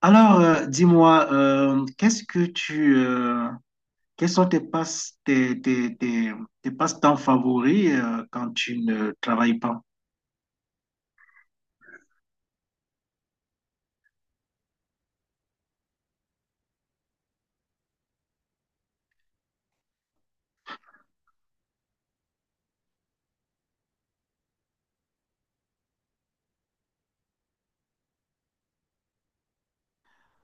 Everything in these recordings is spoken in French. Dis-moi, qu'est-ce que quels sont tes passe, tes, tes, tes, tes passe-temps favoris, quand tu ne travailles pas?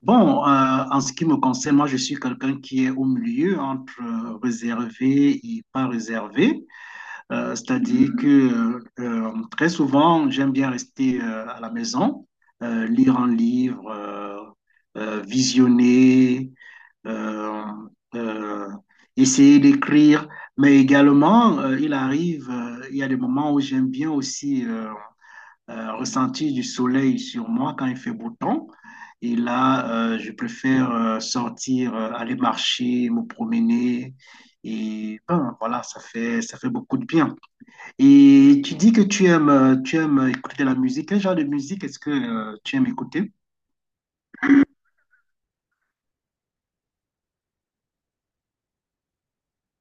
En ce qui me concerne, moi, je suis quelqu'un qui est au milieu entre réservé et pas réservé. C'est-à-dire que très souvent, j'aime bien rester à la maison, lire un livre, visionner, euh, euh, essayer d'écrire. Mais également, il arrive, il y a des moments où j'aime bien aussi ressentir du soleil sur moi quand il fait beau temps. Et là, je préfère sortir, aller marcher, me promener. Et ben, voilà, ça fait beaucoup de bien. Et tu dis que tu aimes écouter de la musique. Quel genre de musique est-ce que tu aimes écouter?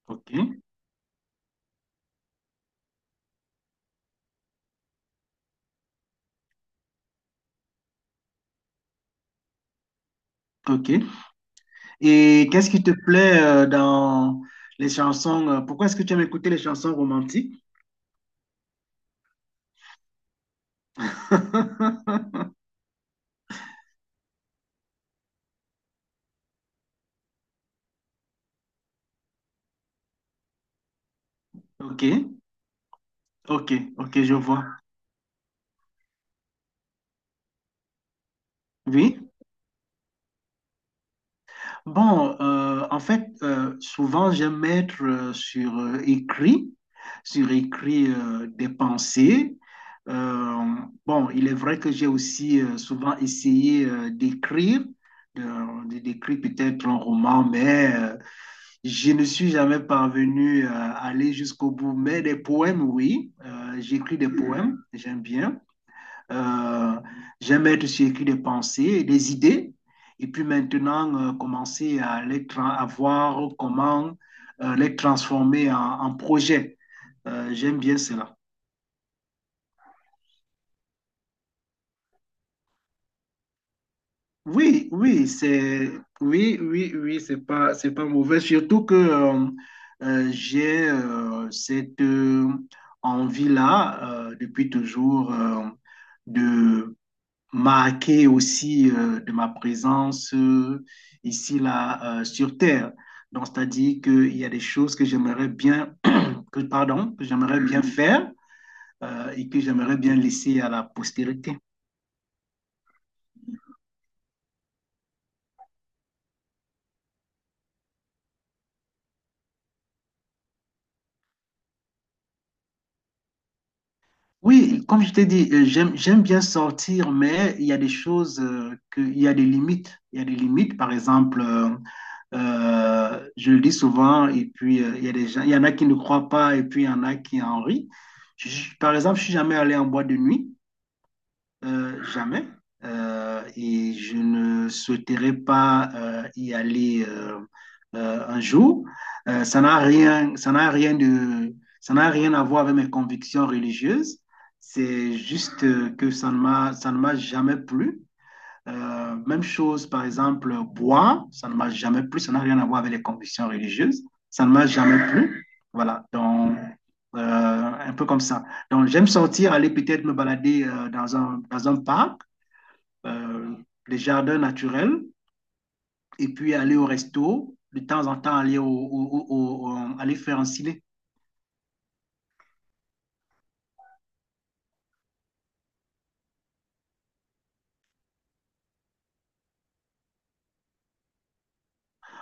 Ok, ok. Et qu'est-ce qui te plaît dans les chansons? Pourquoi est-ce que tu aimes écouter les chansons romantiques? Ok, ok, ok, je vois. Oui. En fait, souvent j'aime mettre sur écrit, sur écrit des pensées. Euh, bon, il est vrai que j'ai aussi souvent essayé d'écrire, de, d'écrire peut-être un roman, mais je ne suis jamais parvenu à aller jusqu'au bout. Mais des poèmes, oui, j'écris des poèmes, j'aime bien. Euh, J'aime être sur écrit des pensées, des idées, et puis maintenant commencer à, à voir comment les transformer en, en projet. J'aime bien cela. Oui, oui, c'est oui, oui, oui, c'est pas mauvais. Surtout que j'ai cette envie-là depuis toujours de marqué aussi de ma présence ici, là, sur Terre. Donc, c'est-à-dire qu'il y a des choses que j'aimerais bien, que, pardon, que j'aimerais bien faire et que j'aimerais bien laisser à la postérité. Oui, comme je t'ai dit, j'aime bien sortir, mais il y a des choses, que, il y a des limites. Il y a des limites, par exemple, je le dis souvent, et puis il y a des gens, il y en a qui ne croient pas, et puis il y en a qui en rient. Par exemple, je suis jamais allé en boîte de nuit. Jamais. Et je ne souhaiterais pas y aller un jour. Ça n'a rien de, ça n'a rien à voir avec mes convictions religieuses. C'est juste que ça ne m'a jamais plu. Même chose, par exemple, boire, ça ne marche jamais plus, ça n'a rien à voir avec les convictions religieuses, ça ne marche jamais plus. Voilà, donc, euh, un peu comme ça. Donc, j'aime sortir, aller peut-être me balader dans un parc, euh, des jardins naturels, et puis aller au resto, de temps en temps aller, au, au- au- au- aller faire un ciné.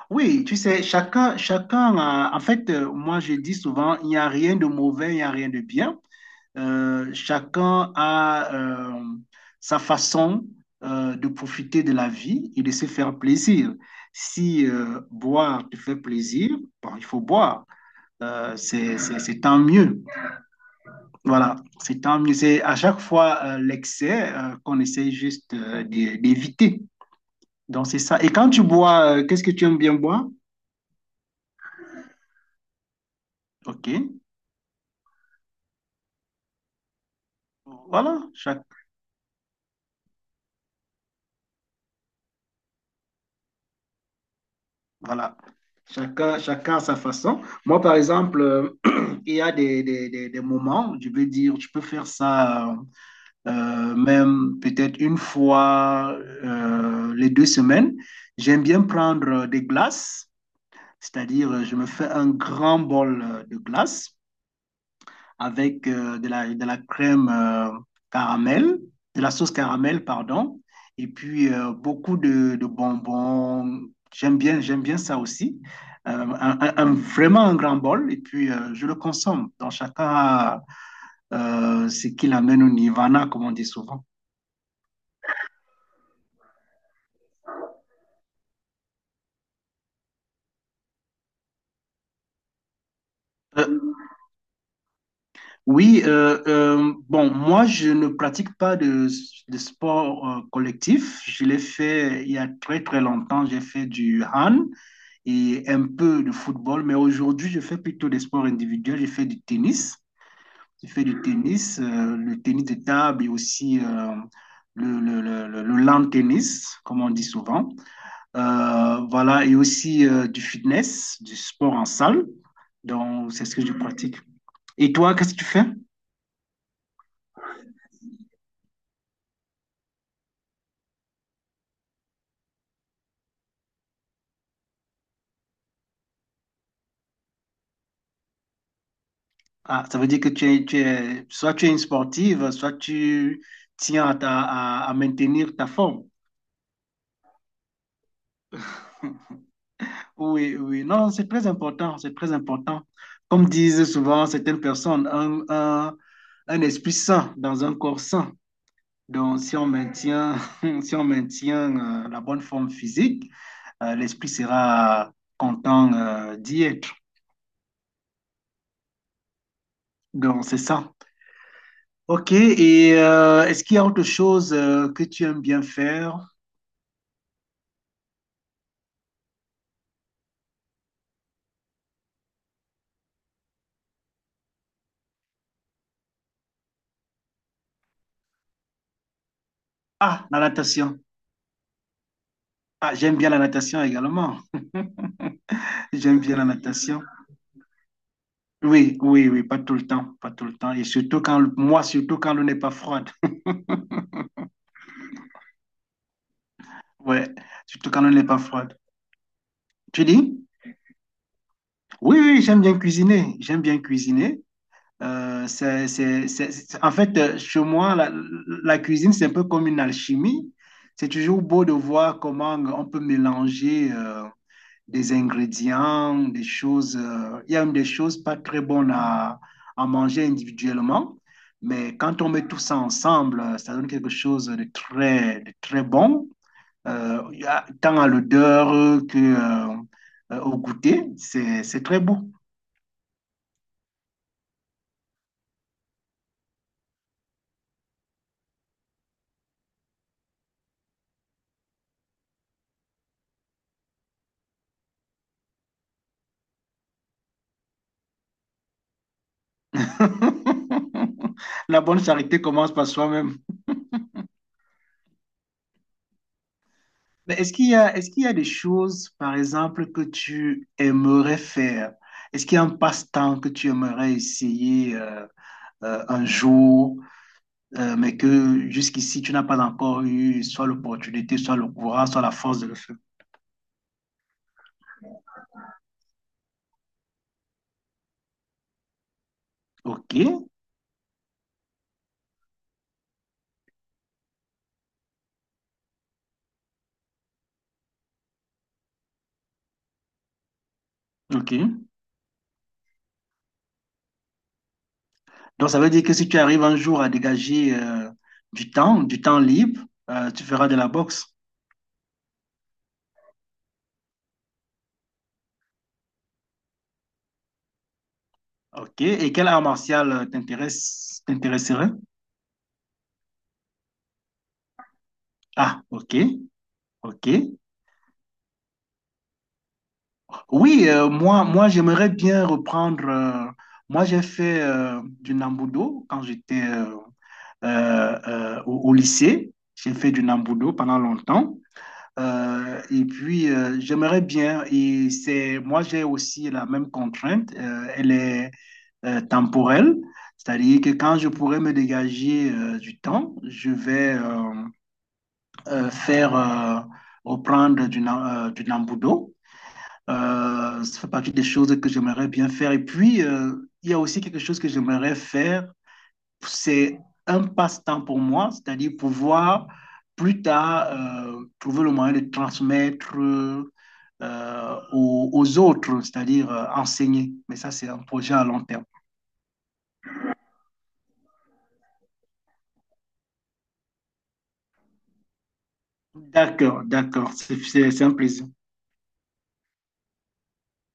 Oui, tu sais, en fait, moi je dis souvent, il n'y a rien de mauvais, il n'y a rien de bien. Chacun a euh, sa façon de profiter de la vie et de se faire plaisir. Si boire te fait plaisir, bon, il faut boire. C'est tant mieux. Voilà, c'est tant mieux. C'est à chaque fois l'excès qu'on essaie juste d'éviter. Donc, c'est ça. Et quand tu bois, qu'est-ce que tu aimes bien boire? OK. Voilà, chacun. Voilà. Chacun, chacun à sa façon. Moi, par exemple, il y a des moments, où je veux dire, tu peux faire ça même peut-être une fois les deux semaines. J'aime bien prendre des glaces, c'est-à-dire je me fais un grand bol de glace avec de la crème caramel, de la sauce caramel, pardon, et puis de bonbons. J'aime bien ça aussi. Vraiment un grand bol, et puis je le consomme. Donc chacun a ce qu'il amène au nirvana, comme on dit souvent. Euh, Oui, moi, je ne pratique pas de, de sport collectif. Je l'ai fait il y a très, très longtemps. J'ai fait du hand et un peu de football, mais aujourd'hui, je fais plutôt des sports individuels. Je fais du tennis. Je fais du tennis, le tennis de table et aussi le lawn tennis, comme on dit souvent. Voilà, et aussi du fitness, du sport en salle. Donc, c'est ce que je pratique. Et toi, qu'est-ce que tu fais? Ah, ça veut dire que soit tu es une sportive, soit tu tiens à, à maintenir ta forme. Oui, oui, non, c'est très important, c'est très important. Comme disent souvent certaines personnes, un esprit sain dans un corps sain. Donc, si on maintient, si on maintient la bonne forme physique, l'esprit sera content d'y être. Donc, c'est ça. Ok, et est-ce qu'il y a autre chose que tu aimes bien faire? Ah, la natation. Ah, j'aime bien la natation également. J'aime bien la natation. Oui, oui, oui, pas tout le temps, pas tout le temps. Et surtout quand, moi, surtout quand l'eau n'est pas froide. Ouais, surtout quand l'eau n'est pas froide. Tu dis? Oui, oui, j'aime bien cuisiner. J'aime bien cuisiner. En fait, chez moi, la cuisine, c'est un peu comme une alchimie. C'est toujours beau de voir comment on peut mélanger des ingrédients, des choses. Il y a même des choses pas très bonnes à manger individuellement, mais quand on met tout ça ensemble, ça donne quelque chose de très bon, il y a tant à l'odeur que, euh, au goûter. C'est très beau. La bonne charité commence par soi-même. Mais est-ce qu'il y a des choses, par exemple, que tu aimerais faire? Est-ce qu'il y a un passe-temps que tu aimerais essayer un jour? Mais que jusqu'ici, tu n'as pas encore eu soit l'opportunité, soit le courage, soit la force de le faire. OK, OK. Donc, ça veut dire que si tu arrives un jour à dégager du temps libre, tu feras de la boxe. OK. Et quel art martial t'intéresserait? Ah, OK, OK. Oui, moi j'aimerais bien reprendre. Moi, j'ai fait du Nambudo quand j'étais au lycée. J'ai fait du Nambudo pendant longtemps. Et puis, j'aimerais bien, et c'est, moi j'ai aussi la même contrainte, elle est temporelle, c'est-à-dire que quand je pourrais me dégager du temps, je vais faire reprendre du Nambudo. Ça fait partie des choses que j'aimerais bien faire. Et puis, il y a aussi quelque chose que j'aimerais faire, c'est un passe-temps pour moi, c'est-à-dire pouvoir plus tard trouver le moyen de transmettre aux autres, c'est-à-dire enseigner. Mais ça, c'est un projet à long terme. D'accord, d'accord, c'est un plaisir.